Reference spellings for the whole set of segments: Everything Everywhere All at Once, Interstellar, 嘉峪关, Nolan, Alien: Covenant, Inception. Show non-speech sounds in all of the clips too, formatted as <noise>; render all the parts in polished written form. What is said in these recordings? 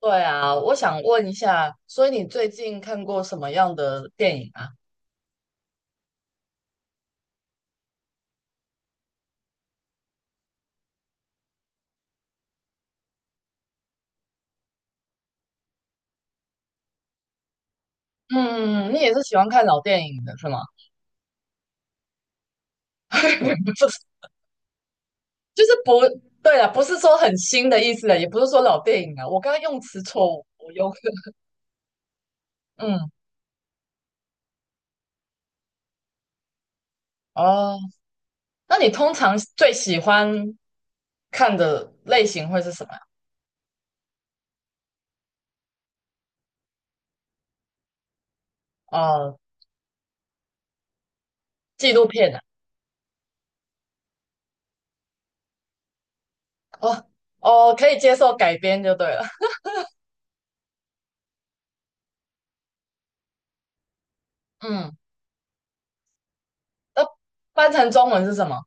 对啊，我想问一下，所以你最近看过什么样的电影啊？嗯，你也是喜欢看老电影的是吗？<laughs> 不是。就是不，对啊，不是说很新的意思啊，也不是说老电影啊，我刚刚用词错误，我用 <laughs>，嗯，哦，那你通常最喜欢看的类型会是什么呀？哦，纪录片啊，哦哦，可以接受改编就对了。<laughs> 嗯，那翻成中文是什么？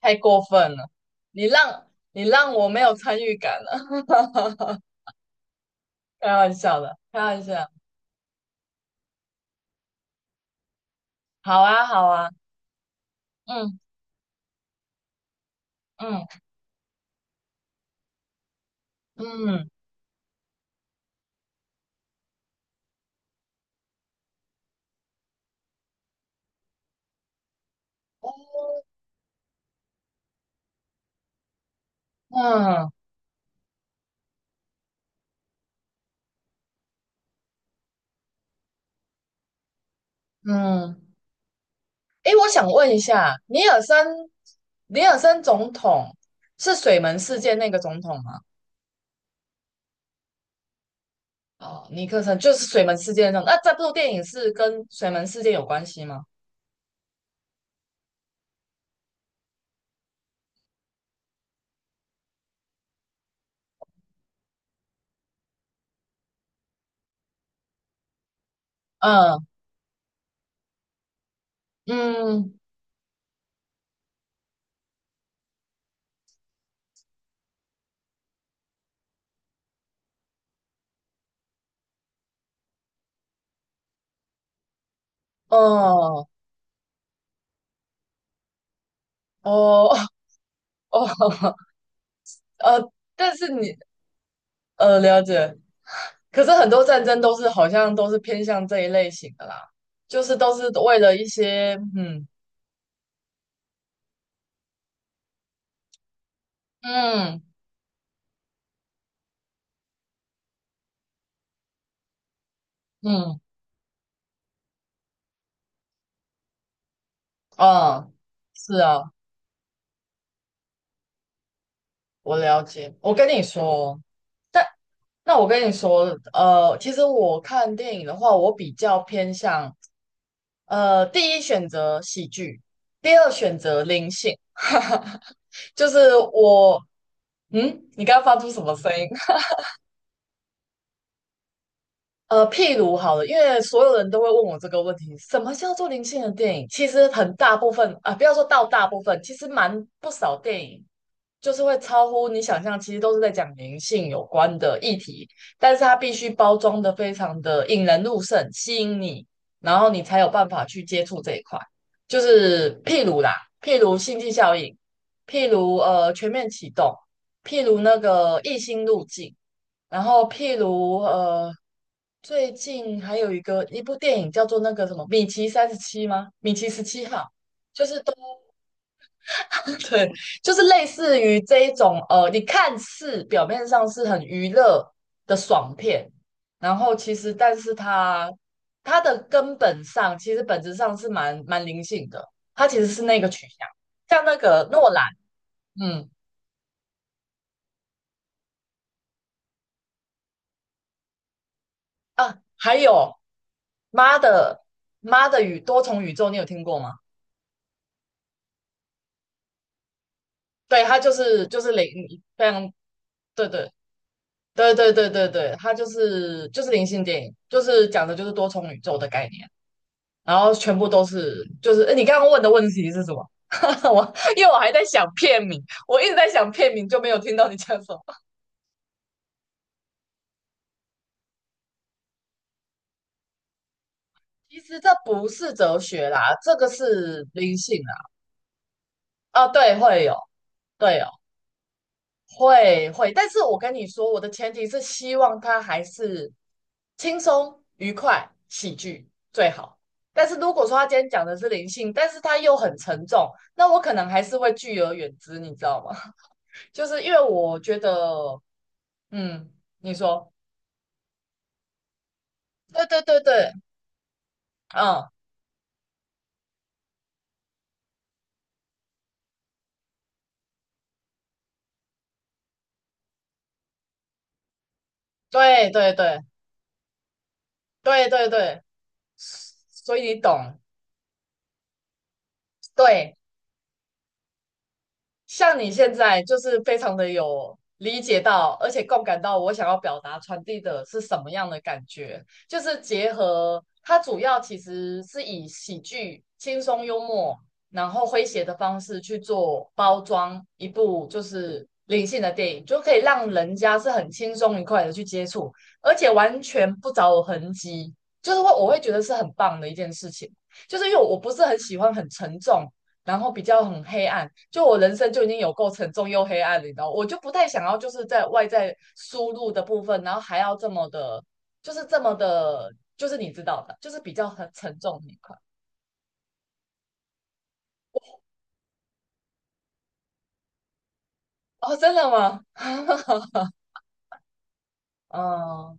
太过分了！你让我没有参与感了。<laughs> 开玩笑的，开玩笑。好啊，好啊，嗯嗯嗯嗯嗯。诶，我想问一下，尼尔森总统是水门事件那个总统吗？哦，尼克森就是水门事件那种。那这部电影是跟水门事件有关系吗？嗯嗯。哦哦哦 <laughs> 但是了解，可是很多战争都是好像都是偏向这一类型的啦，就是都是为了一些嗯嗯啊，是啊，我了解。我跟你说，但那我跟你说，其实我看电影的话，我比较偏向第一选择喜剧，第二选择灵性。<laughs> 哈哈，就是我嗯，你刚刚发出什么声音？譬如好了，因为所有人都会问我这个问题，什么叫做灵性的电影？其实很大部分啊、不要说到大部分，其实蛮不少电影就是会超乎你想象，其实都是在讲灵性有关的议题，但是它必须包装的非常的引人入胜，吸引你，然后你才有办法去接触这一块。就是譬如啦，譬如星际效应，譬如全面启动，譬如那个异星路径，然后譬如最近还有一部电影叫做那个什么米奇37吗？米奇17号，就是都 <laughs> 对，就是类似于这一种，你看似表面上是很娱乐的爽片，然后其实但是它的根本上其实本质上是蛮灵性的，它其实是那个取向，像那个诺兰。嗯。啊，还有妈的妈的多重宇宙，你有听过吗？对，它就是就是灵非常对对对对对对对，它就是灵性电影，就是讲的就是多重宇宙的概念。然后全部都是，就是诶你刚刚问的问题是什么？<laughs> 我因为我还在想片名，我一直在想片名，就没有听到你讲什么。<laughs> 其实这不是哲学啦，这个是灵性啦。啊，哦对，会有，对哦，会会，但是我跟你说，我的前提是希望他还是轻松、愉快、喜剧最好。但是如果说他今天讲的是灵性，但是他又很沉重，那我可能还是会拒而远之，你知道吗？<laughs> 就是因为我觉得嗯，你说，对对对对，嗯，对对对对对对，所以你懂，对。像你现在就是非常的有理解到，而且共感到我想要表达传递的是什么样的感觉，就是结合它主要其实是以喜剧、轻松幽默，然后诙谐的方式去做包装一部就是灵性的电影，就可以让人家是很轻松愉快的去接触，而且完全不着痕迹，就是会我会觉得是很棒的一件事情，就是因为我不是很喜欢很沉重。然后比较很黑暗，就我人生就已经有够沉重又黑暗了，你知道，我就不太想要就是在外在输入的部分，然后还要这么的，就是这么的，就是你知道的，就是比较很沉重那一块。哦，真的吗？<laughs> 嗯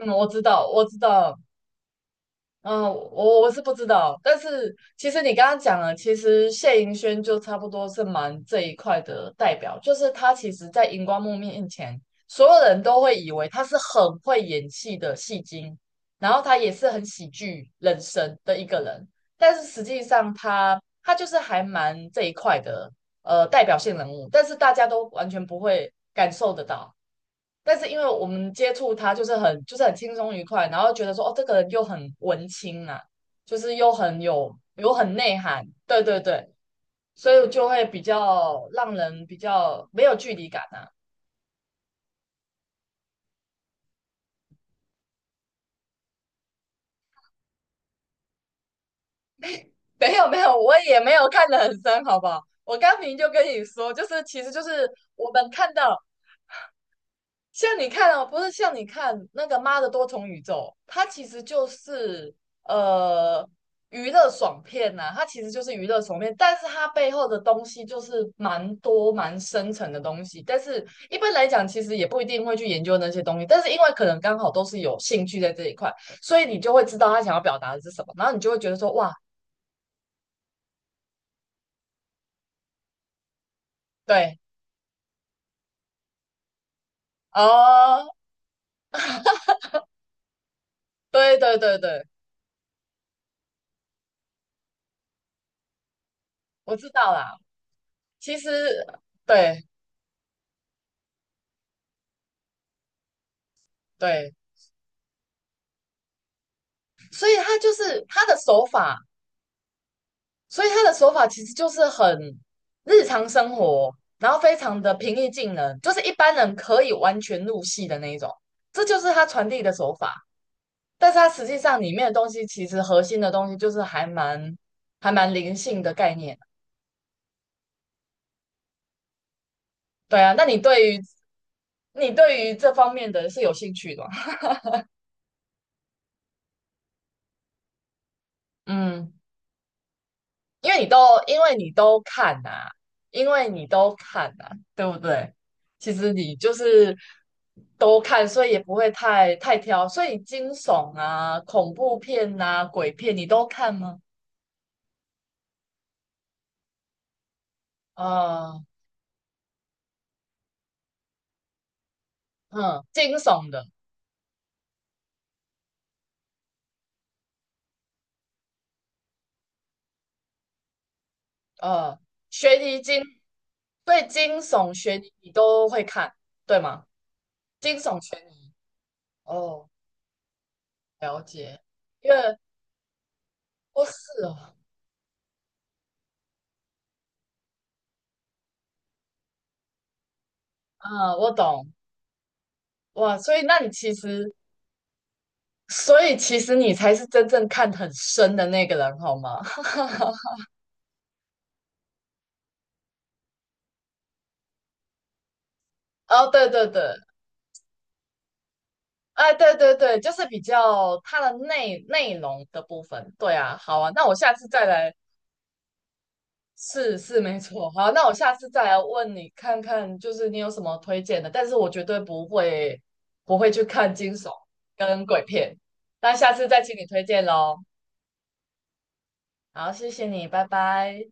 嗯，我知道，我知道。嗯，我我是不知道，但是其实你刚刚讲了，其实谢盈萱就差不多是蛮这一块的代表，就是她其实在荧光幕面前，所有人都会以为他是很会演戏的戏精，然后他也是很喜剧人生的一个人，但是实际上他就是还蛮这一块的代表性人物，但是大家都完全不会感受得到。但是因为我们接触他就是很轻松愉快，然后觉得说哦，这个人又很文青啊，就是又很有很内涵，对对对，所以就会比较让人比较没有距离感啊。没有没有，我也没有看得很深，好不好？我刚明明就跟你说，就是其实就是我们看到像你看哦，不是像你看那个《妈的多重宇宙》，它其实就是呃它其实就是娱乐爽片，但是它背后的东西就是蛮多蛮深层的东西。但是一般来讲，其实也不一定会去研究那些东西，但是因为可能刚好都是有兴趣在这一块，所以你就会知道他想要表达的是什么，然后你就会觉得说哇，对，哦，对对对对，我知道啦。其实对对，所以他就是他的手法。所以他的手法其实就是很日常生活，然后非常的平易近人，就是一般人可以完全入戏的那一种。这就是他传递的手法，但是他实际上里面的东西，其实核心的东西就是还蛮灵性的概念。对啊，那你对于这方面的是有兴趣的吗？<laughs> 嗯。因为你都因为你都看呐、因为你都看呐，对不对？其实你就是都看，所以也不会太挑。所以惊悚啊、恐怖片呐、鬼片你都看吗？啊、嗯，惊悚的，呃，悬疑惊，对，惊悚、悬疑你都会看，对吗？惊悚、悬疑，哦，了解，因为我是哦，啊、我懂。哇，所以其实你才是真正看很深的那个人，好吗？<laughs> 哦，对对对，哎，对对对，就是比较它的内容的部分。对啊，好啊，那我下次再来，是是没错。好，那我下次再来问你看看，就是你有什么推荐的？但是我绝对不会去看惊悚跟鬼片，那下次再请你推荐喽。好，谢谢你，拜拜。